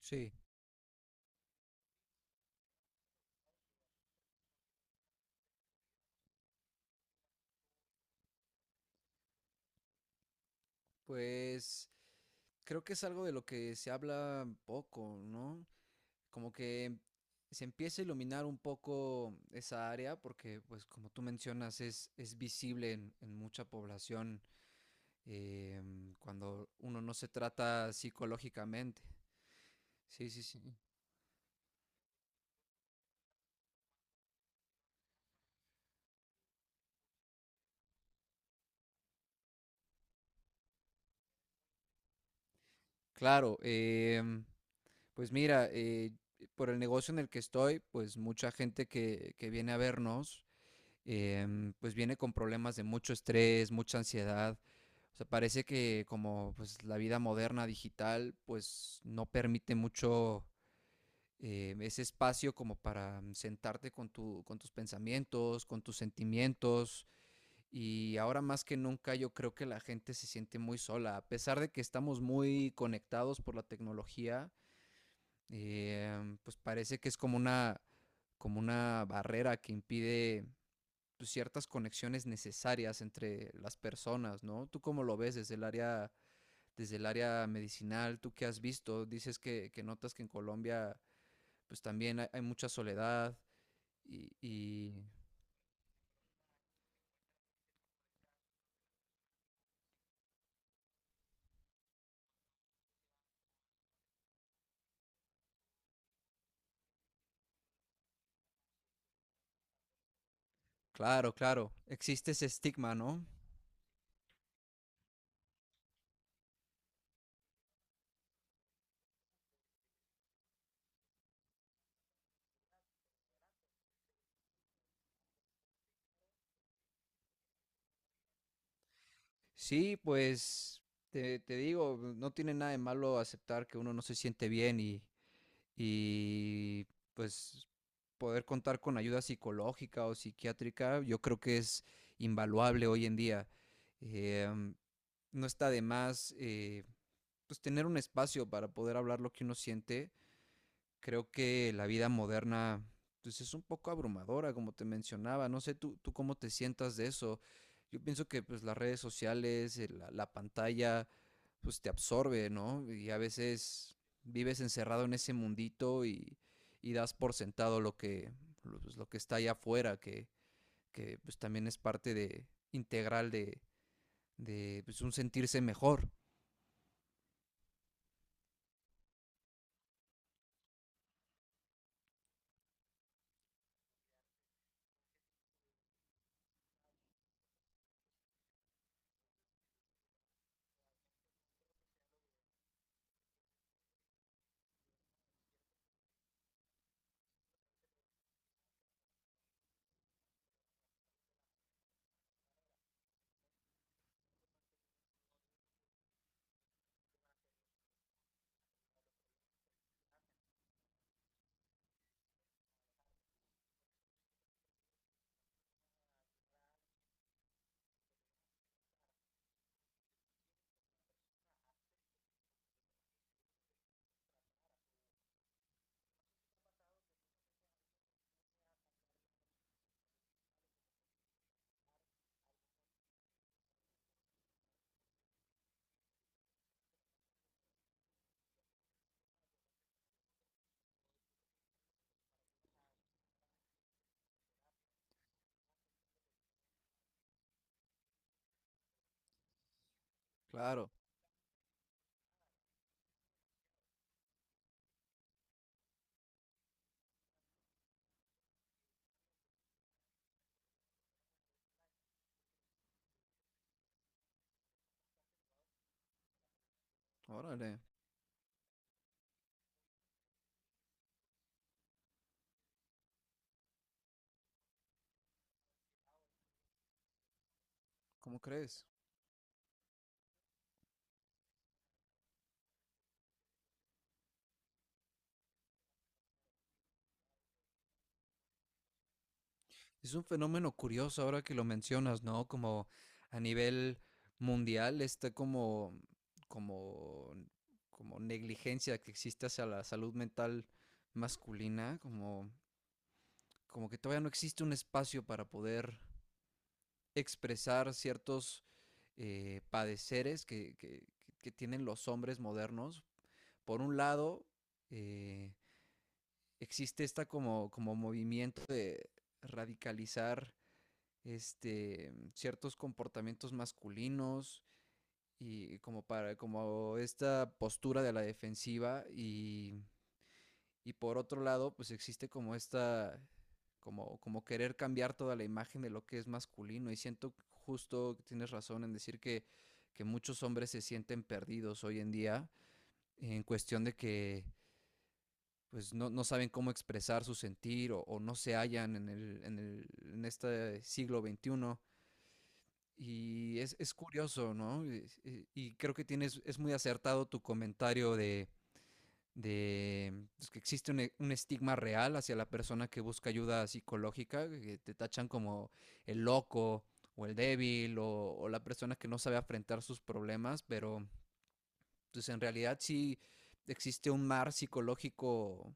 Sí, pues creo que es algo de lo que se habla poco, ¿no? Como que se empieza a iluminar un poco esa área porque, pues como tú mencionas, es visible en mucha población eh, cuando uno no se trata psicológicamente. Sí, sí, sí. Claro, pues mira, por el negocio en el que estoy, pues mucha gente que viene a vernos, pues viene con problemas de mucho estrés, mucha ansiedad. O sea, parece que como pues la vida moderna digital pues no permite mucho ese espacio como para sentarte con tu, con tus pensamientos, con tus sentimientos. Y ahora más que nunca yo creo que la gente se siente muy sola. A pesar de que estamos muy conectados por la tecnología, pues parece que es como una barrera que impide pues, ciertas conexiones necesarias entre las personas, ¿no? ¿Tú cómo lo ves desde el área medicinal, tú qué has visto, dices que notas que en Colombia pues también hay mucha soledad y claro, claro, existe ese estigma, ¿no? Sí, pues te digo, no tiene nada de malo aceptar que uno no se siente bien y pues poder contar con ayuda psicológica o psiquiátrica, yo creo que es invaluable hoy en día. Eh, no está de más pues tener un espacio para poder hablar lo que uno siente. Creo que la vida moderna, pues es un poco abrumadora, como te mencionaba. No sé tú cómo te sientas de eso. Yo pienso que pues las redes sociales, la pantalla, pues te absorbe, ¿no? Y a veces vives encerrado en ese mundito y das por sentado lo que está allá afuera, que pues también es parte integral de un sentirse mejor. Claro. Órale. ¿Cómo crees? Es un fenómeno curioso ahora que lo mencionas, ¿no? Como a nivel mundial está como, como negligencia que existe hacia la salud mental masculina, como que todavía no existe un espacio para poder expresar ciertos padeceres que tienen los hombres modernos. Por un lado, eh, existe esta como movimiento de radicalizar ciertos comportamientos masculinos y como para como esta postura de la defensiva y por otro lado pues existe como esta como querer cambiar toda la imagen de lo que es masculino y siento justo que tienes razón en decir que muchos hombres se sienten perdidos hoy en día en cuestión de que pues no saben cómo expresar su sentir o no se hallan en este siglo XXI. Y es curioso, ¿no? Y creo que es muy acertado tu comentario de pues, que existe un estigma real hacia la persona que busca ayuda psicológica, que te tachan como el loco o el débil o la persona que no sabe afrontar sus problemas, pero pues en realidad sí existe un mar psicológico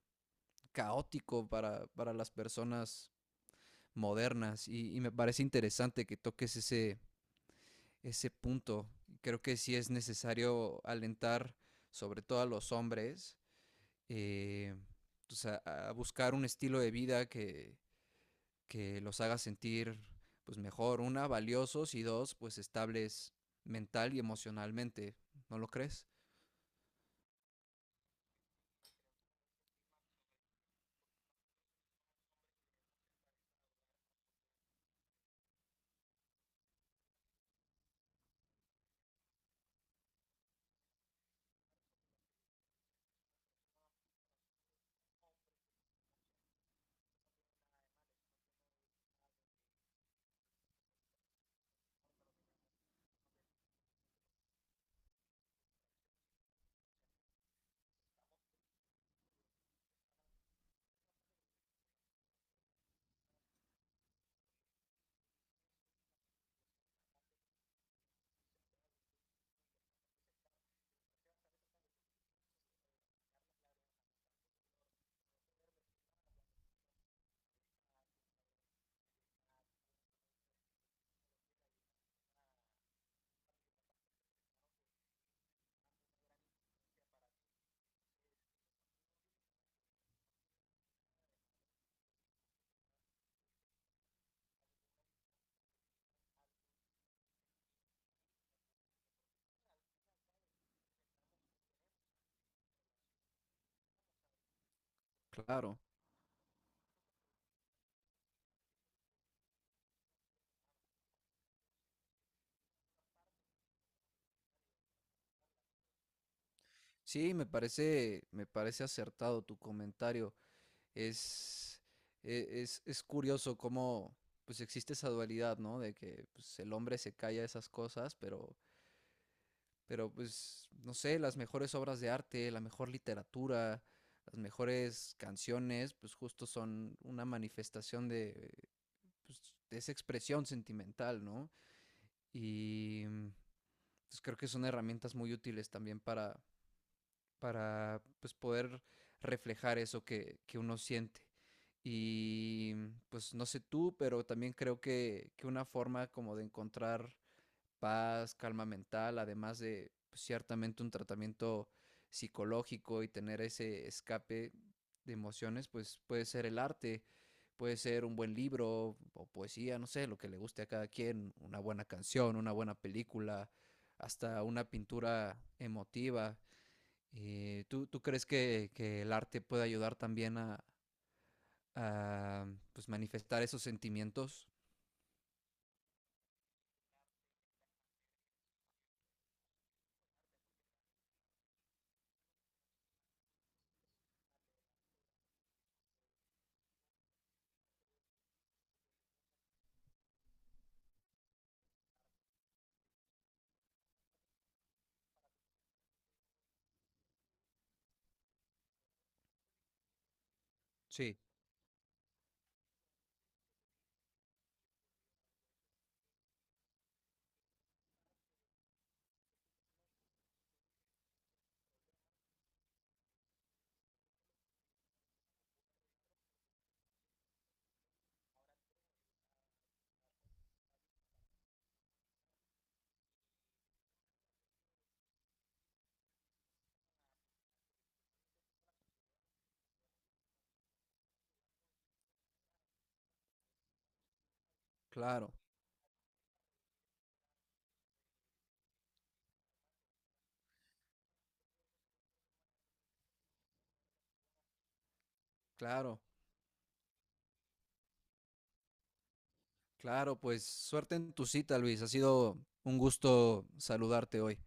caótico para las personas modernas y me parece interesante que toques ese punto. Creo que sí es necesario alentar, sobre todo a los hombres, eh, pues a buscar un estilo de vida que los haga sentir pues mejor, una, valiosos y dos, pues estables mental y emocionalmente. ¿No lo crees? Claro. Sí, me parece acertado tu comentario. Es, es curioso cómo pues existe esa dualidad, ¿no? De que pues, el hombre se calla esas cosas, pero pues, no sé, las mejores obras de arte, la mejor literatura, las mejores canciones, pues justo son una manifestación de esa expresión sentimental, ¿no? Y pues creo que son herramientas muy útiles también para poder reflejar eso que uno siente. Y pues no sé tú, pero también creo que una forma como de encontrar paz, calma mental, además de pues, ciertamente un tratamiento psicológico y tener ese escape de emociones, pues puede ser el arte, puede ser un buen libro o poesía, no sé, lo que le guste a cada quien, una buena canción, una buena película, hasta una pintura emotiva. Tú crees que el arte puede ayudar también a pues, manifestar esos sentimientos? Sí, claro, claro. Claro, pues suerte en tu cita, Luis. Ha sido un gusto saludarte hoy.